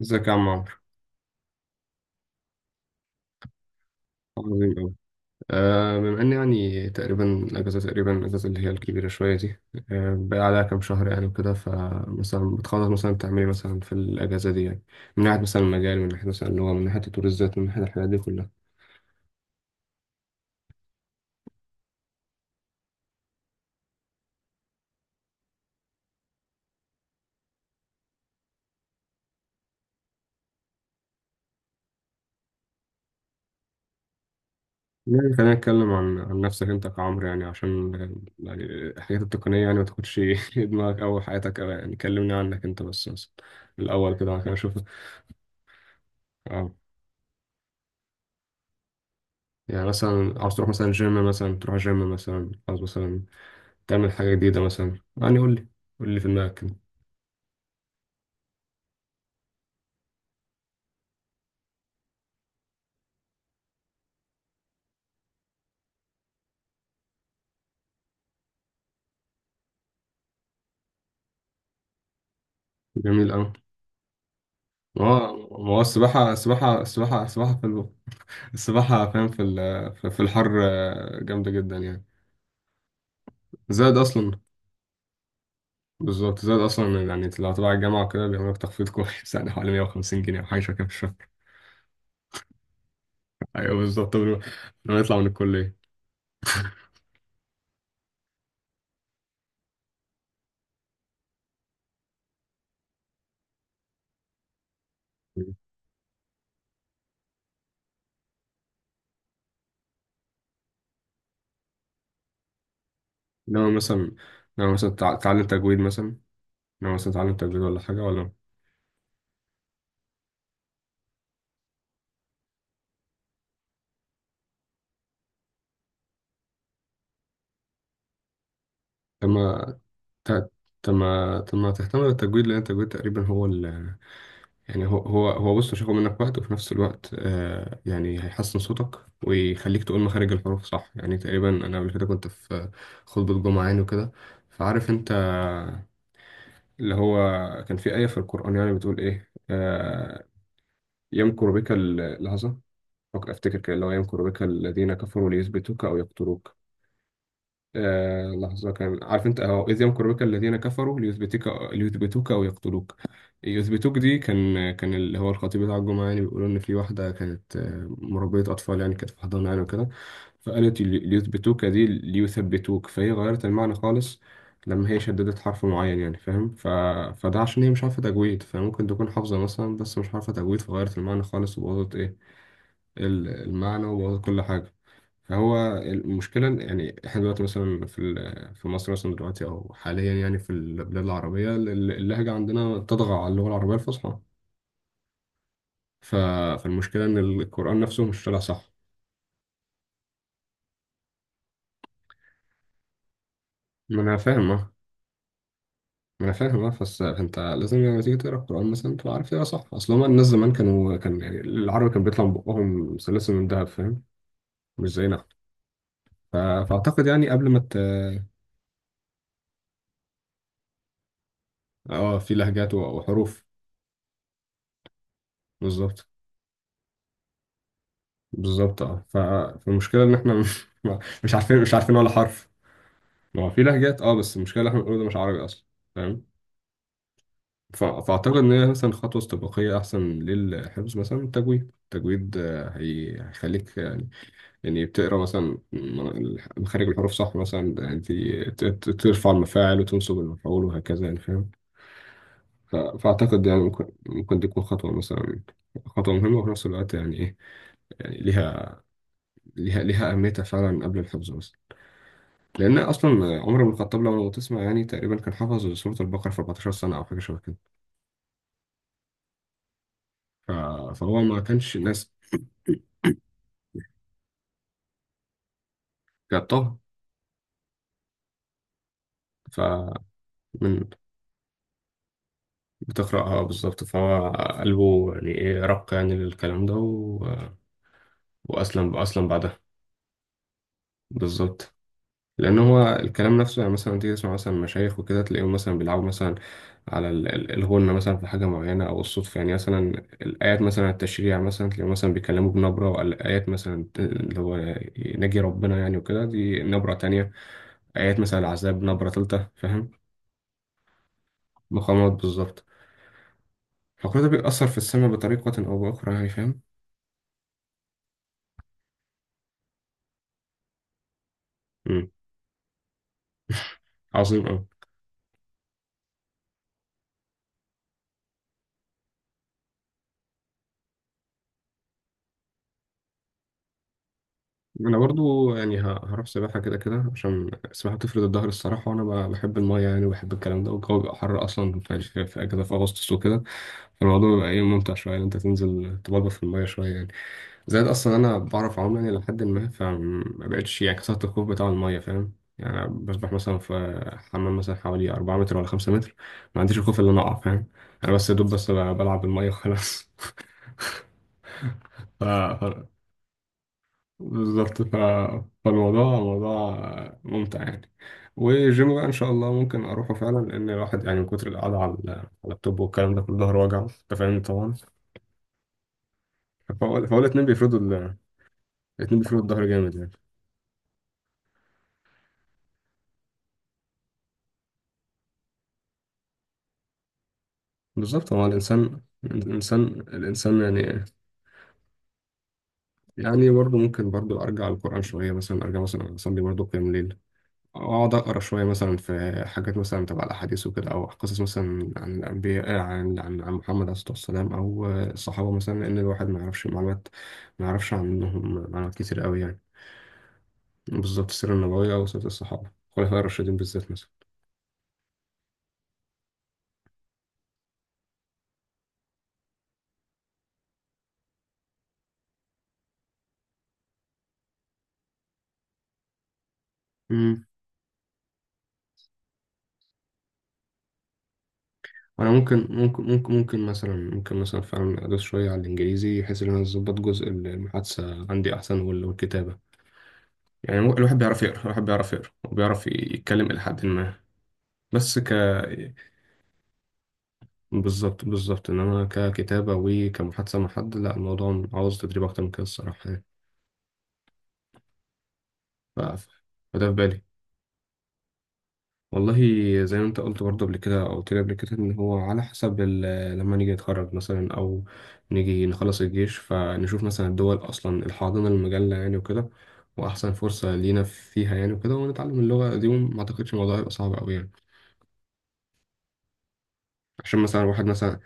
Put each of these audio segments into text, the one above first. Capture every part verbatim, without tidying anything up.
ازيك يا عم عمرو. عظيم أوي. آه، بما إن يعني تقريبا الأجازة تقريبا الأجازة اللي هي الكبيرة شوية دي، آه، بقى عليها كام شهر يعني وكده، فمثلا بتخلص مثلا تعملي مثلا في الأجازة دي يعني، من ناحية مثلا المجال، من ناحية مثلا اللغة، من ناحية تطوير الذات، من ناحية الحاجات دي كلها. يعني خلينا نتكلم عن عن نفسك أنت كعمرو، يعني عشان، يعني الحاجات التقنية يعني ما تاخدش دماغك أو حياتك أوي، يعني كلمني عنك أنت بس مثلا الأول كده عشان أشوف. اه، يعني مثلا عاوز تروح مثلا جيم، مثلا تروح جيم، مثلا عاوز مثلا تعمل حاجة جديدة مثلا، يعني قول لي، قول لي في دماغك كده. جميل أوي. ما هو ما هو السباحة السباحة السباحة السباحة في ال- السباحة، فاهم، في ال- في في الحر، آه، جامدة جدا يعني. زائد أصلا، بالظبط زائد أصلا، يعني لو تبع الجامعة وكده بيعملوا لك تخفيض كويس يعني حوالي مية وخمسين جنيه أو حاجة شبه كده في الشهر. أيوه بالظبط، قبل ما قبل ما نطلع من الكلية. إنما مثلا، إنما مثلا تع- تعلم تجويد مثلا، إنما مثلا تعلم تجويد ولا حاجة ولا؟ طب ما ت- طب ما طب ما تهتم بالتجويد، لأن التجويد تقريبا هو ال، يعني هو هو هو بص، مش هياخد منك وقت، وفي نفس الوقت آه يعني هيحسن صوتك ويخليك تقول مخارج الحروف صح، يعني تقريبا انا قبل كده كنت في خطبة جمعة يعني وكده، فعارف انت اللي هو كان في آية في القرآن يعني بتقول ايه، آه، يمكر بك ال- لحظة، أفكر- افتكر كده، اللي هو يمكر بك الذين كفروا ليثبتوك او يقتلوك. آه لحظة، كان عارف انت اهو، إذ يمكرك الذين كفروا ليثبتك ليثبتوك أو يقتلوك. يثبتوك دي كان كان اللي هو الخطيب بتاع الجمعة يعني بيقولوا، إن في واحدة كانت آه، مربية أطفال يعني كانت في حضانة يعني وكده، فقالت لي- ليثبتوك دي، ليثبتوك، فهي غيرت المعنى خالص لما هي شددت حرف معين، يعني فاهم، ف... فده عشان هي مش عارفة تجويد، فممكن تكون حافظة مثلا بس مش عارفة تجويد، فغيرت المعنى خالص وبوظت إيه ال- المعنى، وبوظت كل حاجة. فهو المشكلة إن- يعني احنا دلوقتي مثلا في ال- في مصر مثلا دلوقتي أو حاليا، يعني في البلاد العربية ال- اللهجة عندنا تطغى على اللغة العربية الفصحى. ف- فالمشكلة إن القرآن نفسه مش طالع صح. ما أنا فاهم أه. ما أنا فاهم أه، بس أنت لازم لما تيجي تقرأ القرآن مثلا تبقى عارف تقرأ صح، أصل هما الناس زمان كانوا، كان يعني العربي كان بيطلع من بقهم سلاسل من دهب، فاهم، مش زينا. ف- فأعتقد يعني قبل ما ت... أه في لهجات وحروف. بالظبط، بالظبط اه، ف... فالمشكله ان احنا مش، مش عارفين مش عارفين ولا حرف. ما هو في لهجات اه، بس المشكله اللي احنا بنقوله ده مش عربي اصلا، فاهم. ف... فاعتقد ان هي مثلا خطوه استباقيه احسن للحفظ مثلا، التجويد، التجويد آه، هي... هيخليك يعني، يعني بتقرا مثلا م- مخارج الحروف صح مثلا يعني، ت- ت- ترفع المفاعل وتنصب المفعول وهكذا، يعني فاهم. ف... فاعتقد يعني ممكن ممكن تكون خطوه مثلا، خطوه مهمه، وفي نفس الوقت يعني ايه، يعني ليها، ليها ليها اهميتها فعلا قبل الحفظ بس، لأن أصلا عمر بن الخطاب، لو لو تسمع يعني تقريبا كان حافظ سورة البقرة في 14 سنة أو حاجة شبه كده. ف- فهو ما كانش ناس جابتها. فمن بتقرأها، بالظبط، فهو قلبه يعني إيه، رق يعني للكلام ده و... وأسلم أسلم بعدها. بالظبط، لان هو الكلام نفسه، يعني مثلا تيجي تسمع مثلا مشايخ وكده تلاقيهم مثلا بيلعبوا مثلا على ال- ال- الغنة مثلا في حاجة معينة أو الصدفة يعني، مثلا الآيات مثلا التشريع مثلا تلاقيهم مثلا بيتكلموا بنبرة، والآيات مثلا اللي هو نجي ربنا يعني وكده دي نبرة تانية، آيات مثلا العذاب نبرة تالتة، فاهم. مقامات، بالظبط. فكل ده بيأثر في السماء بطريقة أو بأخرى يعني، فاهم. مم. عظيم أوي. انا برضو يعني ه- هروح سباحه كده كده، عشان السباحه بتفرد الظهر الصراحه، وانا ب- بحب المايه يعني، وبحب الكلام ده، والجو بيبقى حر اصلا في في في اجازه في اغسطس وكده، فالموضوع بيبقى ايه، ممتع شويه ان انت تنزل تبلبل في المايه شويه يعني. زائد اصلا انا بعرف اعوم يعني، لحد ما فما بقتش يعني، كسرت الخوف بتاع المايه، فاهم، يعني أنا بسبح مثلا في حمام مثلا حوالي 4 متر ولا 5 متر، ما عنديش الخوف اللي انا اقع، فاهم، انا بس يا دوب بس بلعب بالميه وخلاص ف... بالظبط، ف... فالموضوع موضوع ممتع يعني. والجيم بقى ان شاء الله ممكن اروحه فعلا، لان الواحد يعني من كتر القعده على على اللابتوب والكلام ده كله ظهره وجعه، انت فاهم طبعا. فهو فهو الاتنين بيفرضوا ال... الاتنين بيفرضوا الظهر جامد يعني. بالظبط، هو الانسان الانسان الانسان يعني، يعني برضه ممكن برضه ارجع للقران شويه، مثلا ارجع مثلا اصلي برضه قيام ليل، اقعد اقرا شويه مثلا في حاجات مثلا تبع الاحاديث وكده، او قصص مثلا عن الانبياء، عن عن عن محمد عليه الصلاه والسلام، او الصحابه مثلا، لان الواحد ما يعرفش معلومات، ما يعرفش عنهم معلومات كتير قوي يعني. بالذات السيره النبويه، او سيره الصحابه الخلفاء الراشدين بالذات مثلا. امم، انا ممكن ممكن ممكن ممكن مثلا ممكن مثلا فعلا ادوس شويه على الانجليزي، بحيث ان انا اظبط جزء المحادثه عندي احسن وال- والكتابه يعني، مو- الواحد بيعرف يقرا، الواحد بيعرف يقرا وبيعرف يتكلم الى حد ما، بس ك، بالظبط بالظبط، انما ككتابة وكمحادثة مع حد، لا الموضوع عاوز تدريب اكتر من كده الصراحة يعني. ف- ف- فده في بالي، والله. زي ما انت قلت برضه قبل كده، او قلت لي قبل كده، ان هو على حسب ال- لما نيجي نتخرج مثلا، او نيجي نخلص الجيش، فنشوف مثلا الدول اصلا الحاضنة المجلة يعني وكده، واحسن فرصة لينا فيها يعني وكده، ونتعلم اللغة دي، وما اعتقدش الموضوع هيبقى صعب قوي يعني، عشان مثلا واحد مثلا.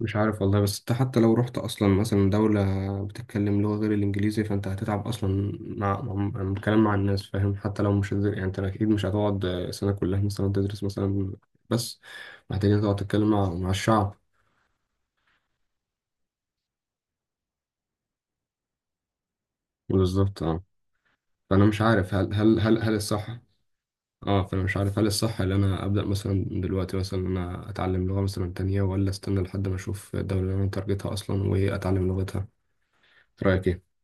مش عارف والله، بس انت حتى لو رحت اصلا مثلا دولة بتتكلم لغة غير الانجليزي فانت هتتعب اصلا مع مع- مع الكلام مع الناس، فاهم، حتى لو مش هتدر- يعني انت اكيد مش هتقعد سنة كلها مثلا تدرس مثلا، بس محتاجين تقعد تتكلم مع مع الشعب. بالظبط اه، فانا مش عارف هل هل هل هل الصح، اه فانا مش عارف هل الصح ان انا ابدا مثلا دلوقتي مثلا ان انا اتعلم لغة مثلا تانية، ولا استنى لحد ما اشوف الدولة اللي انا تارجتها اصلا واتعلم لغتها؟ رأيك ايه؟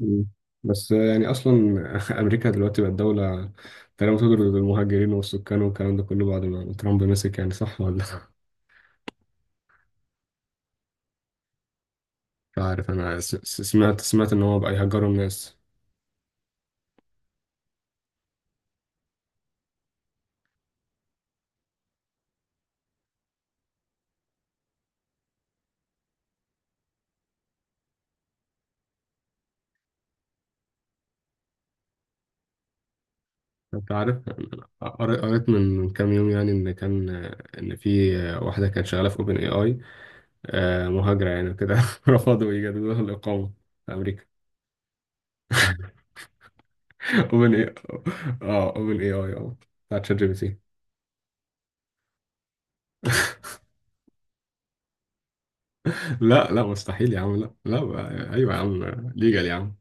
مم. بس يعني اصلا امريكا دلوقتي بقت دوله تقريبا بتضرب المهاجرين والسكان والكلام ده كله بعد ما ترامب مسك، يعني صح ولا؟ مش عارف انا س- س- سمعت، سمعت ان هو بقى يهجروا الناس. انت عارف، أنا قريت، قريت من من كام يوم يعني، ان كان، ان في واحده كانت شغاله في اوبن اي اي، مهاجره يعني كده رفضوا يجددوا لها الاقامه في امريكا. اوبن اي، اه اوبن اي اي، اه بتاعت شات جي بي تي. لا لا، مستحيل يا عم، لا لا بقى- ايوه يا عم، ليجل يا عم.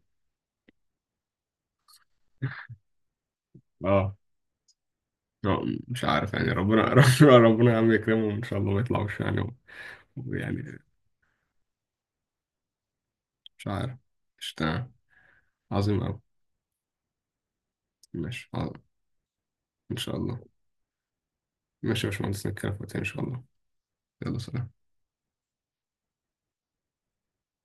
اه، آه، مش عارف يعني، ربنا ربنا، ربنا يا عم يكرمهم ان شاء الله ما يطلعوش يعني. يعني، مش عارف، مش تمام. عظيم قوي، ماشي عظيم، ان شاء الله. ماشي يا باشمهندس، نتكلم في وقتها ان شاء الله. يلا سلام.